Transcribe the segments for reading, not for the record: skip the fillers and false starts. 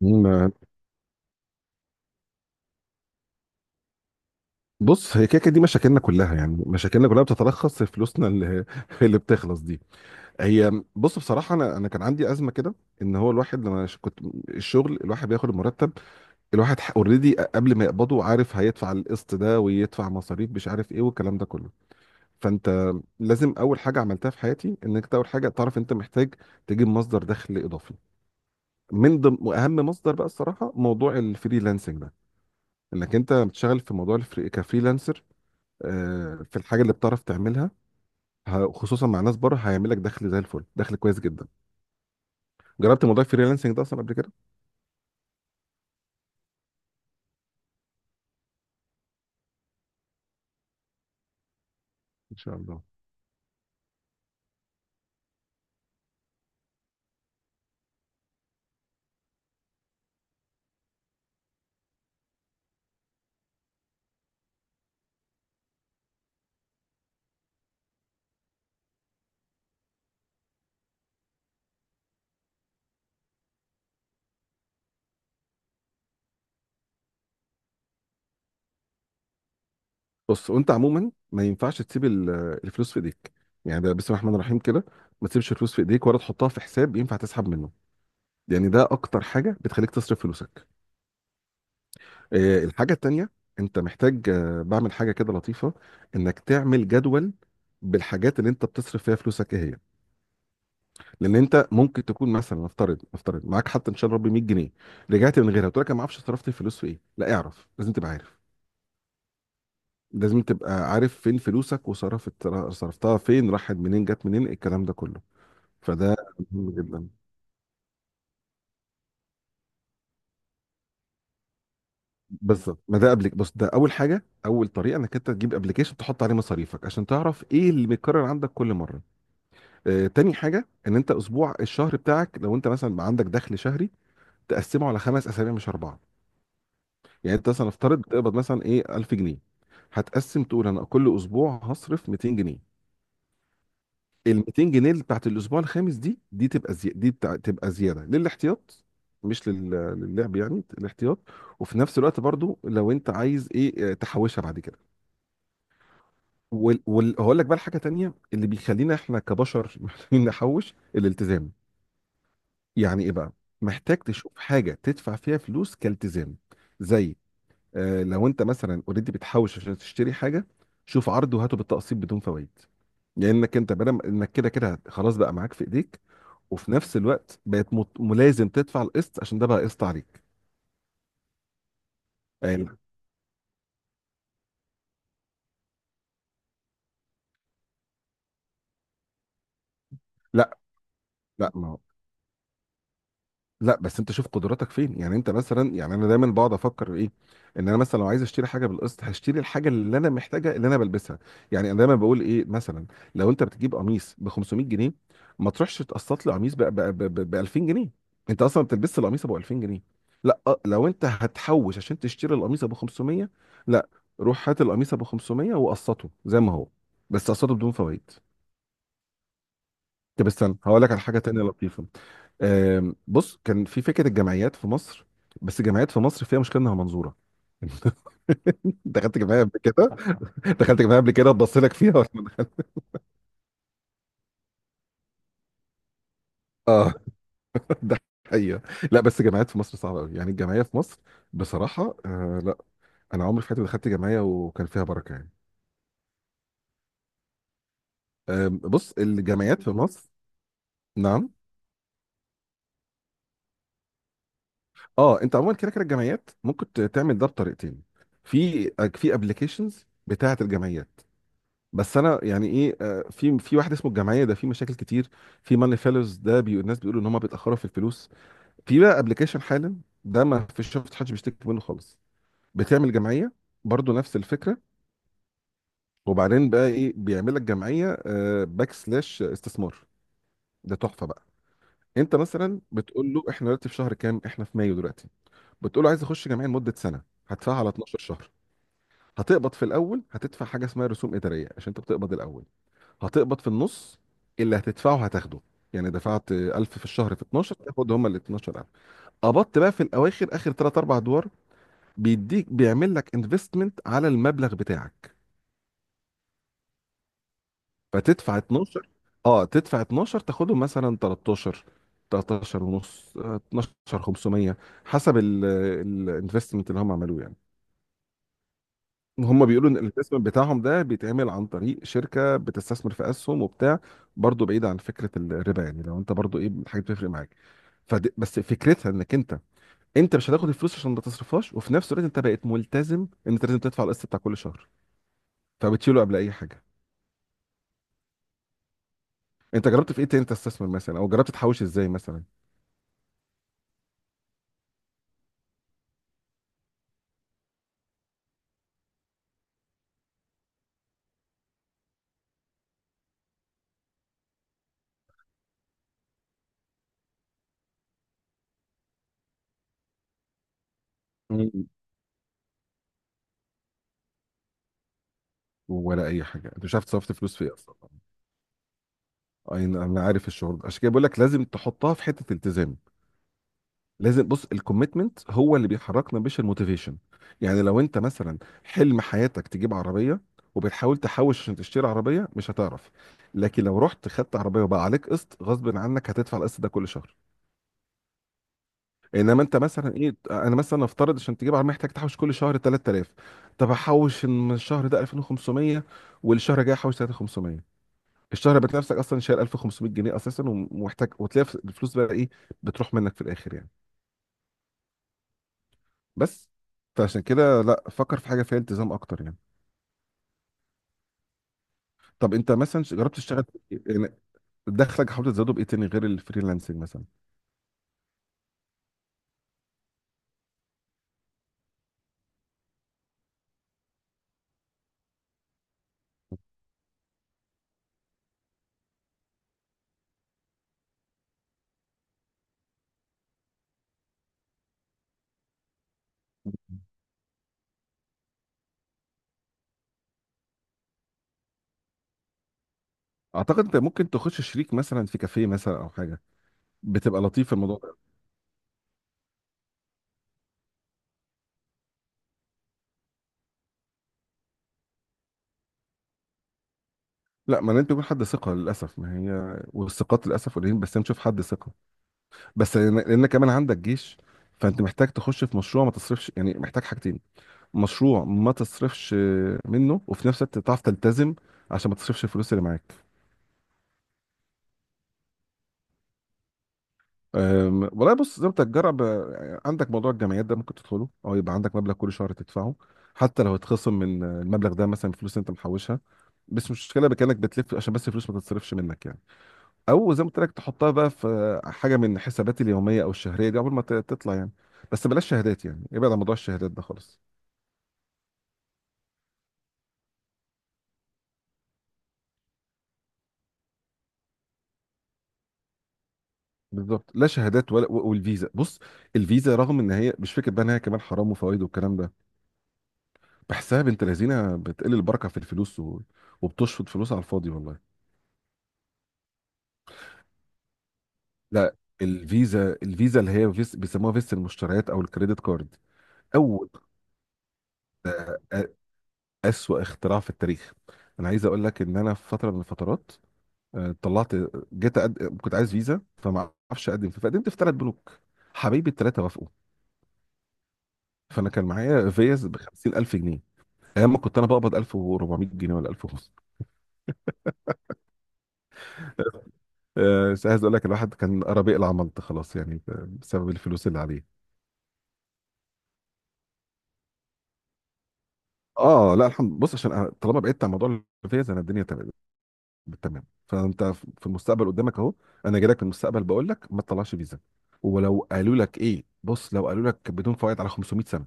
مم، بص هي كده كده دي مشاكلنا كلها، يعني مشاكلنا كلها بتتلخص في فلوسنا اللي اللي بتخلص دي. هي بص بصراحه انا كان عندي ازمه كده. ان هو الواحد لما ش- كنت الشغل الواحد بياخد المرتب، الواحد اوريدي قبل ما يقبضه عارف هيدفع القسط ده ويدفع مصاريف مش عارف ايه والكلام ده كله. فانت لازم اول حاجه عملتها في حياتي انك أنت اول حاجه تعرف انت محتاج تجيب مصدر دخل اضافي. من ضمن واهم مصدر بقى الصراحه موضوع الفريلانسنج ده، انك انت بتشتغل في موضوع الفري كفريلانسر، في الحاجه اللي بتعرف تعملها، خصوصا مع ناس بره هيعمل لك دخل زي الفل، دخل كويس جدا. جربت موضوع الفريلانسنج ده اصلا قبل كده؟ ان شاء الله. بص وانت عموما ما ينفعش تسيب الفلوس في ايديك، يعني ده بسم الله الرحمن الرحيم كده. ما تسيبش الفلوس في ايديك ولا تحطها في حساب ينفع تسحب منه، يعني ده اكتر حاجه بتخليك تصرف فلوسك. الحاجه التانيه انت محتاج، بعمل حاجه كده لطيفه، انك تعمل جدول بالحاجات اللي انت بتصرف فيها فلوسك ايه هي. لان انت ممكن تكون مثلا نفترض معاك حتى ان شاء الله ربي 100 جنيه، رجعت من غيرها قلت لك انا ما اعرفش صرفت الفلوس في ايه. لا، اعرف، لازم تبقى عارف فين فلوسك، وصرفت صرفتها فين، راحت منين جت منين الكلام ده كله. فده مهم جدا. بالظبط ما ده قبلك، بص ده اول حاجه، اول طريقه انك انت تجيب ابلكيشن تحط عليه مصاريفك عشان تعرف ايه اللي بيتكرر عندك كل مره. آه تاني حاجه ان انت اسبوع الشهر بتاعك، لو انت مثلا عندك دخل شهري تقسمه على خمس اسابيع مش اربعه. يعني انت مثلا افترض بتقبض مثلا ايه 1000 جنيه، هتقسم تقول انا كل اسبوع هصرف 200 جنيه. ال 200 جنيه اللي بتاعت الاسبوع الخامس دي، دي تبقى زي... دي بتاع... تبقى زياده للاحتياط، مش لل... للعب، يعني الاحتياط. وفي نفس الوقت برضو لو انت عايز ايه تحوشها بعد كده. هقول لك بقى حاجه تانية اللي بيخلينا احنا كبشر محتاجين نحوش، الالتزام. يعني ايه بقى؟ محتاج تشوف حاجه تدفع فيها فلوس كالتزام، زي، لو انت مثلا اوريدي بتحوش عشان تشتري حاجه، شوف عرض وهاته بالتقسيط بدون فوائد. لانك انت بدل انك كده كده خلاص بقى معاك في ايديك، وفي نفس الوقت بقت ملازم تدفع القسط عشان ده بقى قسط عليك. يعني لا لا ما لا بس انت شوف قدراتك فين. يعني انت مثلا، يعني انا دايما بقعد افكر ايه، ان انا مثلا لو عايز اشتري حاجه بالقسط هشتري الحاجه اللي انا محتاجها اللي انا بلبسها. يعني انا دايما بقول ايه مثلا، لو انت بتجيب قميص ب 500 جنيه، ما تروحش تقسط لي قميص ب 2000 جنيه. انت اصلا بتلبس القميص ابو 2000 جنيه؟ لا. اه، لو انت هتحوش عشان تشتري القميص ابو 500، لا، روح هات القميص ابو 500 وقسطه زي ما هو، بس قسطه بدون فوائد. طب استنى هقول لك على حاجه تانيه لطيفه. بص كان في فكره الجمعيات في مصر، بس الجمعيات في مصر فيها مشكله انها منظوره. دخلت جمعيه قبل كده دخلت جمعيه قبل كده اتبص لك فيها ولا ما دخلت؟ اه ده حقيقه. لا بس الجمعيات في مصر صعبه قوي، يعني الجمعيه في مصر بصراحه لا، انا عمري في حياتي ما دخلت جمعيه وكان فيها بركه يعني. بص الجمعيات في مصر، نعم. اه انت عموما كده كده الجمعيات ممكن تعمل ده بطريقتين. في في ابلكيشنز بتاعه الجمعيات، بس انا يعني ايه، في واحد اسمه الجمعيه ده في مشاكل كتير، في ماني فيلرز، ده بي الناس بيقولوا ان هم بيتاخروا في الفلوس. في بقى ابلكيشن حالا ده ما فيش شفت حد بيشتكي منه خالص، بتعمل جمعيه برضو نفس الفكره. وبعدين بقى ايه؟ بيعمل لك جمعيه باك سلاش استثمار، ده تحفه بقى. انت مثلا بتقول له احنا دلوقتي في شهر كام، احنا في مايو دلوقتي، بتقول له عايز اخش جمعيه لمده سنه، هدفعها على 12 شهر. هتقبض في الاول هتدفع حاجه اسمها رسوم اداريه عشان انت بتقبض الاول. هتقبض في النص اللي هتدفعه هتاخده، يعني دفعت 1000 في الشهر في 12 تاخد هما ال 12000. قبضت بقى في الاواخر اخر 3 4 ادوار، بيديك، بيعمل لك انفستمنت على المبلغ بتاعك. فتدفع 12 اه تدفع 12 تاخدهم مثلا 13، 13 ونص، 12 500، حسب الانفستمنت اللي هم عملوه يعني. هم بيقولوا ان الانفستمنت بتاعهم ده بيتعمل عن طريق شركه بتستثمر في اسهم وبتاع، برضه بعيد عن فكره الربا، يعني لو انت برضه ايه حاجه بتفرق معاك. فد... بس فكرتها انك انت، انت مش هتاخد الفلوس عشان ما تصرفهاش، وفي نفس الوقت انت بقيت ملتزم ان انت لازم تدفع القسط بتاع كل شهر، فبتشيله قبل اي حاجه. انت جربت في ايه تاني تستثمر مثلا، او جربت تحوش ازاي مثلا؟ مم. ولا اي حاجه، انت مش عارف تصرف فلوس في ايه اصلا. انا عارف الشعور ده، عشان كده بقول لك لازم تحطها في حته التزام. لازم بص، الكوميتمنت هو اللي بيحركنا مش الموتيفيشن. يعني لو انت مثلا حلم حياتك تجيب عربيه، وبتحاول تحوش عشان تشتري عربيه مش هتعرف. لكن لو رحت خدت عربيه وبقى عليك قسط غصب عنك هتدفع القسط ده كل شهر. انما انت مثلا ايه، انا مثلا افترض عشان تجيب عربيه محتاج تحوش كل شهر 3000، طب احوش من الشهر ده 2500، والشهر الجاي احوش 3500. الشهر بتلاقي نفسك اصلا شايل 1500 جنيه اساسا ومحتاج، وتلاقي الفلوس بقى ايه، بتروح منك في الاخر يعني. بس، فعشان كده لا فكر في حاجه فيها التزام اكتر يعني. طب انت مثلا جربت تشتغل في إيه يعني؟ دخلك حاولت تزوده بايه تاني غير الفريلانسنج مثلا؟ اعتقد انت ممكن تخش شريك مثلا في كافيه مثلا او حاجه، بتبقى لطيف في الموضوع ده. لا ما لازم يكون حد ثقه للاسف، ما هي والثقات للاسف قليلين، بس نشوف حد ثقه. بس لأن كمان عندك جيش، فانت محتاج تخش في مشروع ما تصرفش، يعني محتاج حاجتين، مشروع ما تصرفش منه، وفي نفس الوقت تعرف تلتزم عشان ما تصرفش الفلوس اللي معاك. والله بص زي ما بتتجرب، عندك موضوع الجمعيات ده ممكن تدخله، او يبقى عندك مبلغ كل شهر تدفعه، حتى لو هتخصم من المبلغ ده مثلا فلوس انت محوشها، بس مش مشكله بكانك بتلف عشان بس الفلوس ما تتصرفش منك يعني. او زي ما قلت لك تحطها بقى في حاجه من حساباتي اليوميه او الشهريه دي قبل ما تطلع يعني. بس بلاش شهادات، يعني ابعد عن موضوع الشهادات ده خالص. بالظبط، لا شهادات ولا والفيزا. بص الفيزا رغم ان هي مش فكره بقى ان هي كمان حرام وفوائد والكلام ده، بحسها بنت لذينه بتقل البركه في الفلوس وبتشفط فلوس على الفاضي والله. لا الفيزا، الفيزا اللي هي فيس بيسموها فيزا المشتريات او الكريدت كارد، اول آه، آه، اسوأ اختراع في التاريخ. انا عايز اقول لك ان انا في فتره من الفترات، طلعت، كنت عايز فيزا فما اعرفش اقدم فيه، فقدمت في ثلاث بنوك، حبايبي الثلاثه وافقوا، فانا كان معايا فيز ب 50000 جنيه ايام ما كنت انا بقبض 1400 جنيه ولا 1500. أه بس عايز اقول لك الواحد كان قرب يقلع ملط خلاص يعني، بسبب الفلوس اللي عليه. اه لا الحمد، بص عشان أنا طالما بعدت عن موضوع الفيز انا الدنيا تمام، تمام. فانت في المستقبل قدامك اهو، انا جاي لك من المستقبل بقول لك ما تطلعش فيزا. ولو قالوا لك ايه، بص لو قالوا لك بدون فوائد على 500 سنه،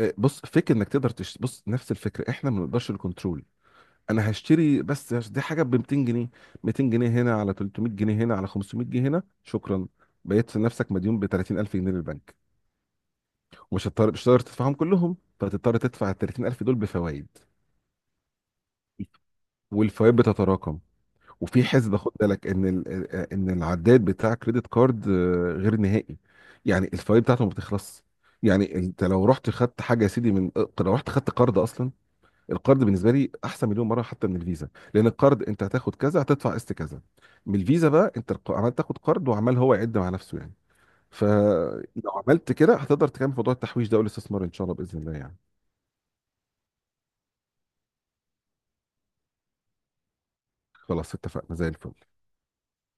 بص فكر انك تقدر بص نفس الفكره احنا ما بنقدرش الكنترول. انا هشتري بس دي حاجه ب 200 جنيه، 200 جنيه هنا، على 300 جنيه هنا، على 500 جنيه هنا، شكرا، بقيت في نفسك مديون ب 30000 جنيه للبنك، ومش هتضطر، مش هتقدر تدفعهم كلهم، فتضطر تدفع ال 30000 دول بفوائد، والفوائد بتتراكم. وفي حسبة خد بالك ان ان العداد بتاع كريدت كارد، غير نهائي، يعني الفوائد بتاعته ما بتخلص. يعني انت لو رحت خدت حاجه يا سيدي من، لو رحت خدت قرض اصلا، القرض بالنسبه لي احسن مليون مره حتى من الفيزا، لان القرض انت هتاخد كذا هتدفع قسط كذا. من الفيزا بقى انت عمال تاخد قرض وعمال هو يعد مع نفسه يعني. فلو عملت كده هتقدر تكمل موضوع التحويش ده والاستثمار ان شاء الله باذن الله يعني. خلاص اتفقنا، زي الفل.